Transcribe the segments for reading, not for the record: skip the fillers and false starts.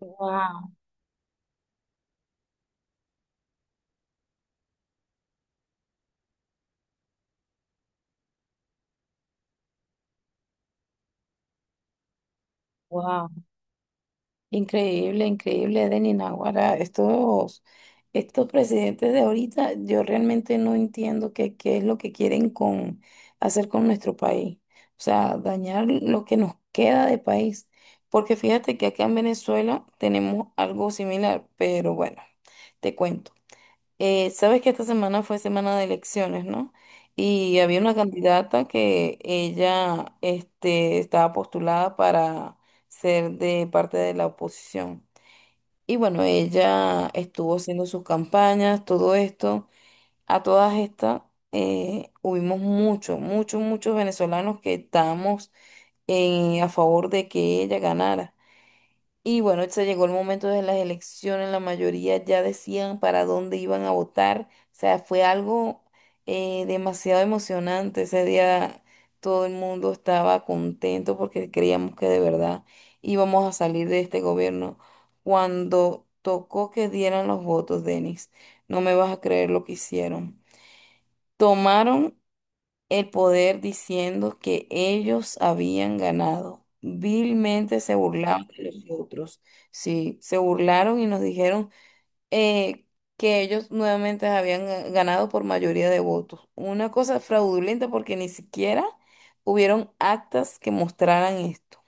Wow, wow, increíble, increíble, Denis Naguará. Estos presidentes de ahorita, yo realmente no entiendo qué es lo que quieren con hacer con nuestro país. O sea, dañar lo que nos queda de país. Porque fíjate que acá en Venezuela tenemos algo similar, pero bueno, te cuento. Sabes que esta semana fue semana de elecciones, ¿no? Y había una candidata que ella, este, estaba postulada para ser de parte de la oposición. Y bueno, ella estuvo haciendo sus campañas, todo esto. A todas estas, hubimos muchos, muchos, muchos venezolanos que estábamos a favor de que ella ganara. Y bueno, se llegó el momento de las elecciones, la mayoría ya decían para dónde iban a votar. O sea, fue algo demasiado emocionante. Ese día todo el mundo estaba contento porque creíamos que de verdad íbamos a salir de este gobierno. Cuando tocó que dieran los votos, Denis, no me vas a creer lo que hicieron. Tomaron el poder diciendo que ellos habían ganado. Vilmente se burlaban de los otros. Sí, se burlaron y nos dijeron eh, que ellos nuevamente habían ganado por mayoría de votos. Una cosa fraudulenta porque ni siquiera hubieron actas que mostraran esto.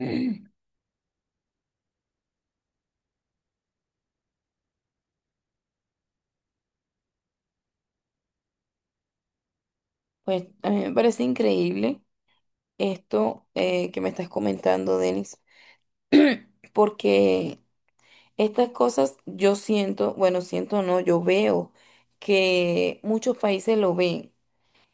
Mm. Pues a mí me parece increíble esto que me estás comentando, Denis, porque estas cosas yo siento, bueno, siento no, yo veo que muchos países lo ven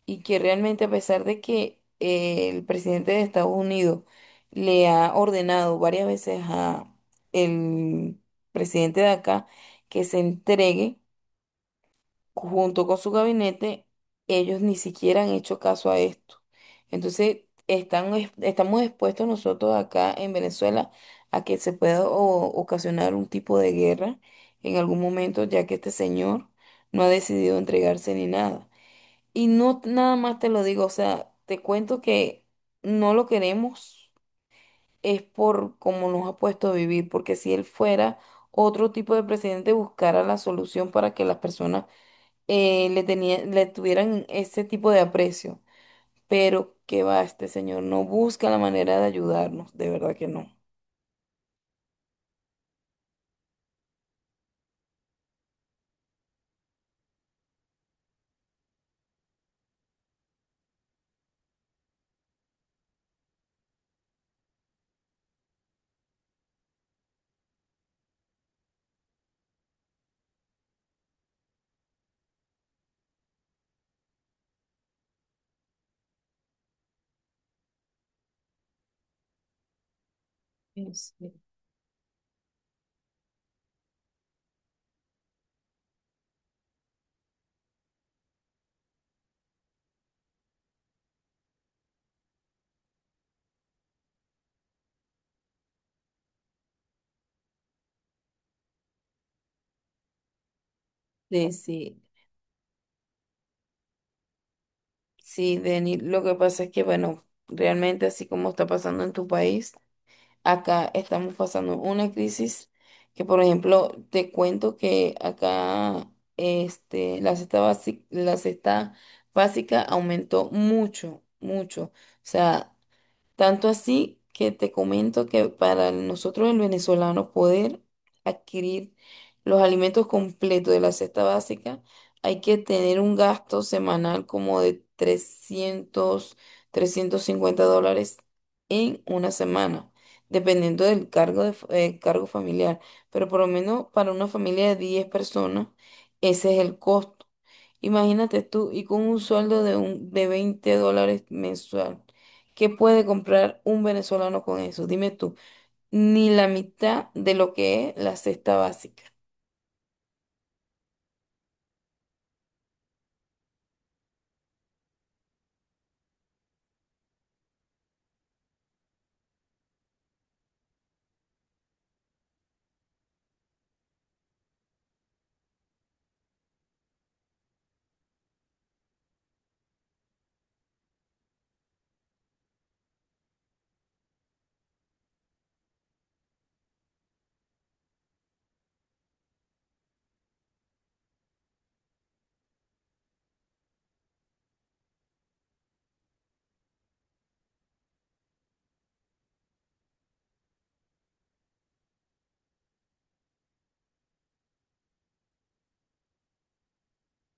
y que realmente a pesar de que el presidente de Estados Unidos le ha ordenado varias veces a el presidente de acá que se entregue, junto con su gabinete, ellos ni siquiera han hecho caso a esto. Entonces, estamos expuestos nosotros acá en Venezuela a que se pueda ocasionar un tipo de guerra en algún momento, ya que este señor no ha decidido entregarse ni nada. Y no nada más te lo digo, o sea, te cuento que no lo queremos, es por cómo nos ha puesto a vivir, porque si él fuera otro tipo de presidente, buscara la solución para que las personas, le tuvieran ese tipo de aprecio. Pero qué va, este señor no busca la manera de ayudarnos, de verdad que no. No sé. Sí, sí, sí, Deni, lo que pasa es que, bueno, realmente así como está pasando en tu país, acá estamos pasando una crisis que, por ejemplo, te cuento que acá este, la cesta básica aumentó mucho, mucho. O sea, tanto así que te comento que para nosotros el venezolano poder adquirir los alimentos completos de la cesta básica, hay que tener un gasto semanal como de $350 en una semana, dependiendo del cargo, cargo familiar. Pero por lo menos para una familia de 10 personas, ese es el costo. Imagínate tú, y con un sueldo de $20 mensual. ¿Qué puede comprar un venezolano con eso? Dime tú, ni la mitad de lo que es la cesta básica.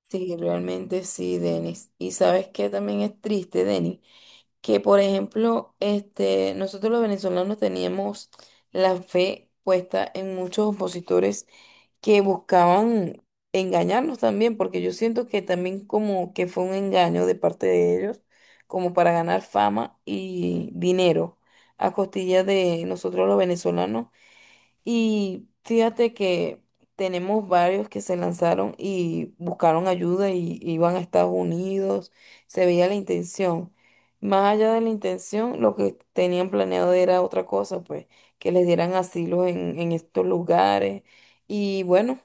Sí, realmente sí, Denis. Y sabes que también es triste, Denis, que por ejemplo, este, nosotros los venezolanos teníamos la fe puesta en muchos opositores que buscaban engañarnos también, porque yo siento que también como que fue un engaño de parte de ellos, como para ganar fama y dinero a costilla de nosotros los venezolanos, y fíjate que tenemos varios que se lanzaron y buscaron ayuda y iban a Estados Unidos. Se veía la intención. Más allá de la intención, lo que tenían planeado era otra cosa, pues, que les dieran asilo en estos lugares. Y bueno,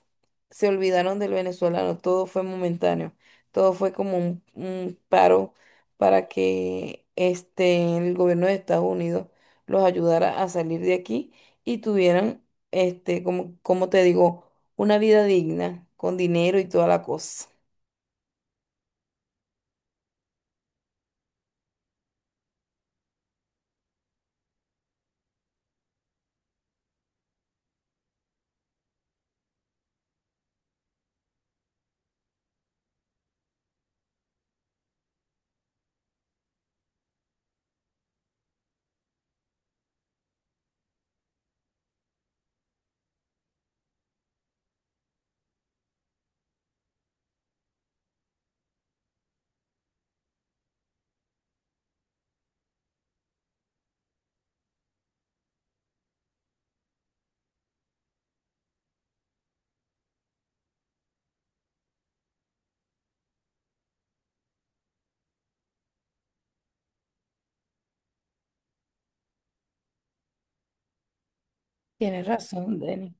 se olvidaron del venezolano. Todo fue momentáneo. Todo fue como un paro para que este, el gobierno de Estados Unidos los ayudara a salir de aquí y tuvieran este, como, como te digo, una vida digna, con dinero y toda la cosa. Tienes razón, Denny.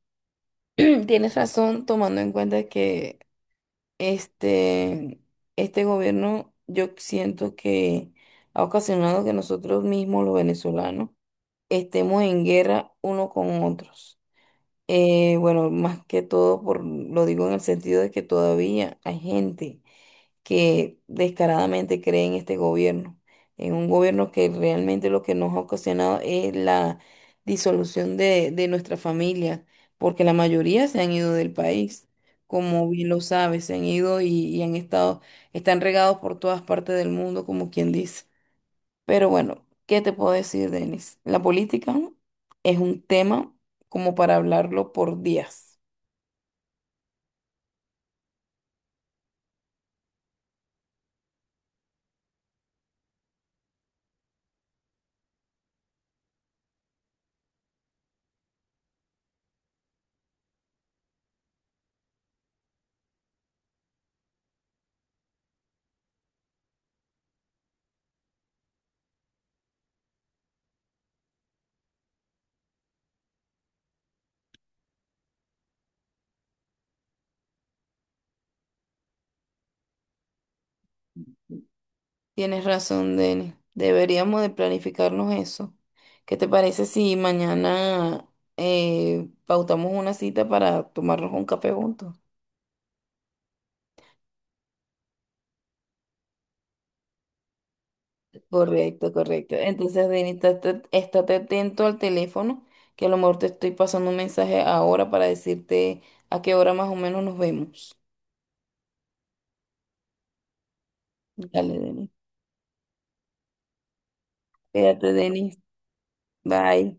Tienes razón, tomando en cuenta que este, este gobierno, yo siento que ha ocasionado que nosotros mismos, los venezolanos, estemos en guerra uno con otros. Bueno, más que todo, por, lo digo en el sentido de que todavía hay gente que descaradamente cree en este gobierno, en un gobierno que realmente lo que nos ha ocasionado es la disolución de nuestra familia, porque la mayoría se han ido del país, como bien lo sabes, se han ido y han estado, están regados por todas partes del mundo, como quien dice. Pero bueno, ¿qué te puedo decir, Denis? La política es un tema como para hablarlo por días. Tienes razón, Denis. Deberíamos de planificarnos eso. ¿Qué te parece si mañana pautamos una cita para tomarnos un café juntos? Correcto, correcto. Entonces, Denis, estate atento al teléfono, que a lo mejor te estoy pasando un mensaje ahora para decirte a qué hora más o menos nos vemos. Dale, Denis. Cuídate, Denis. Bye.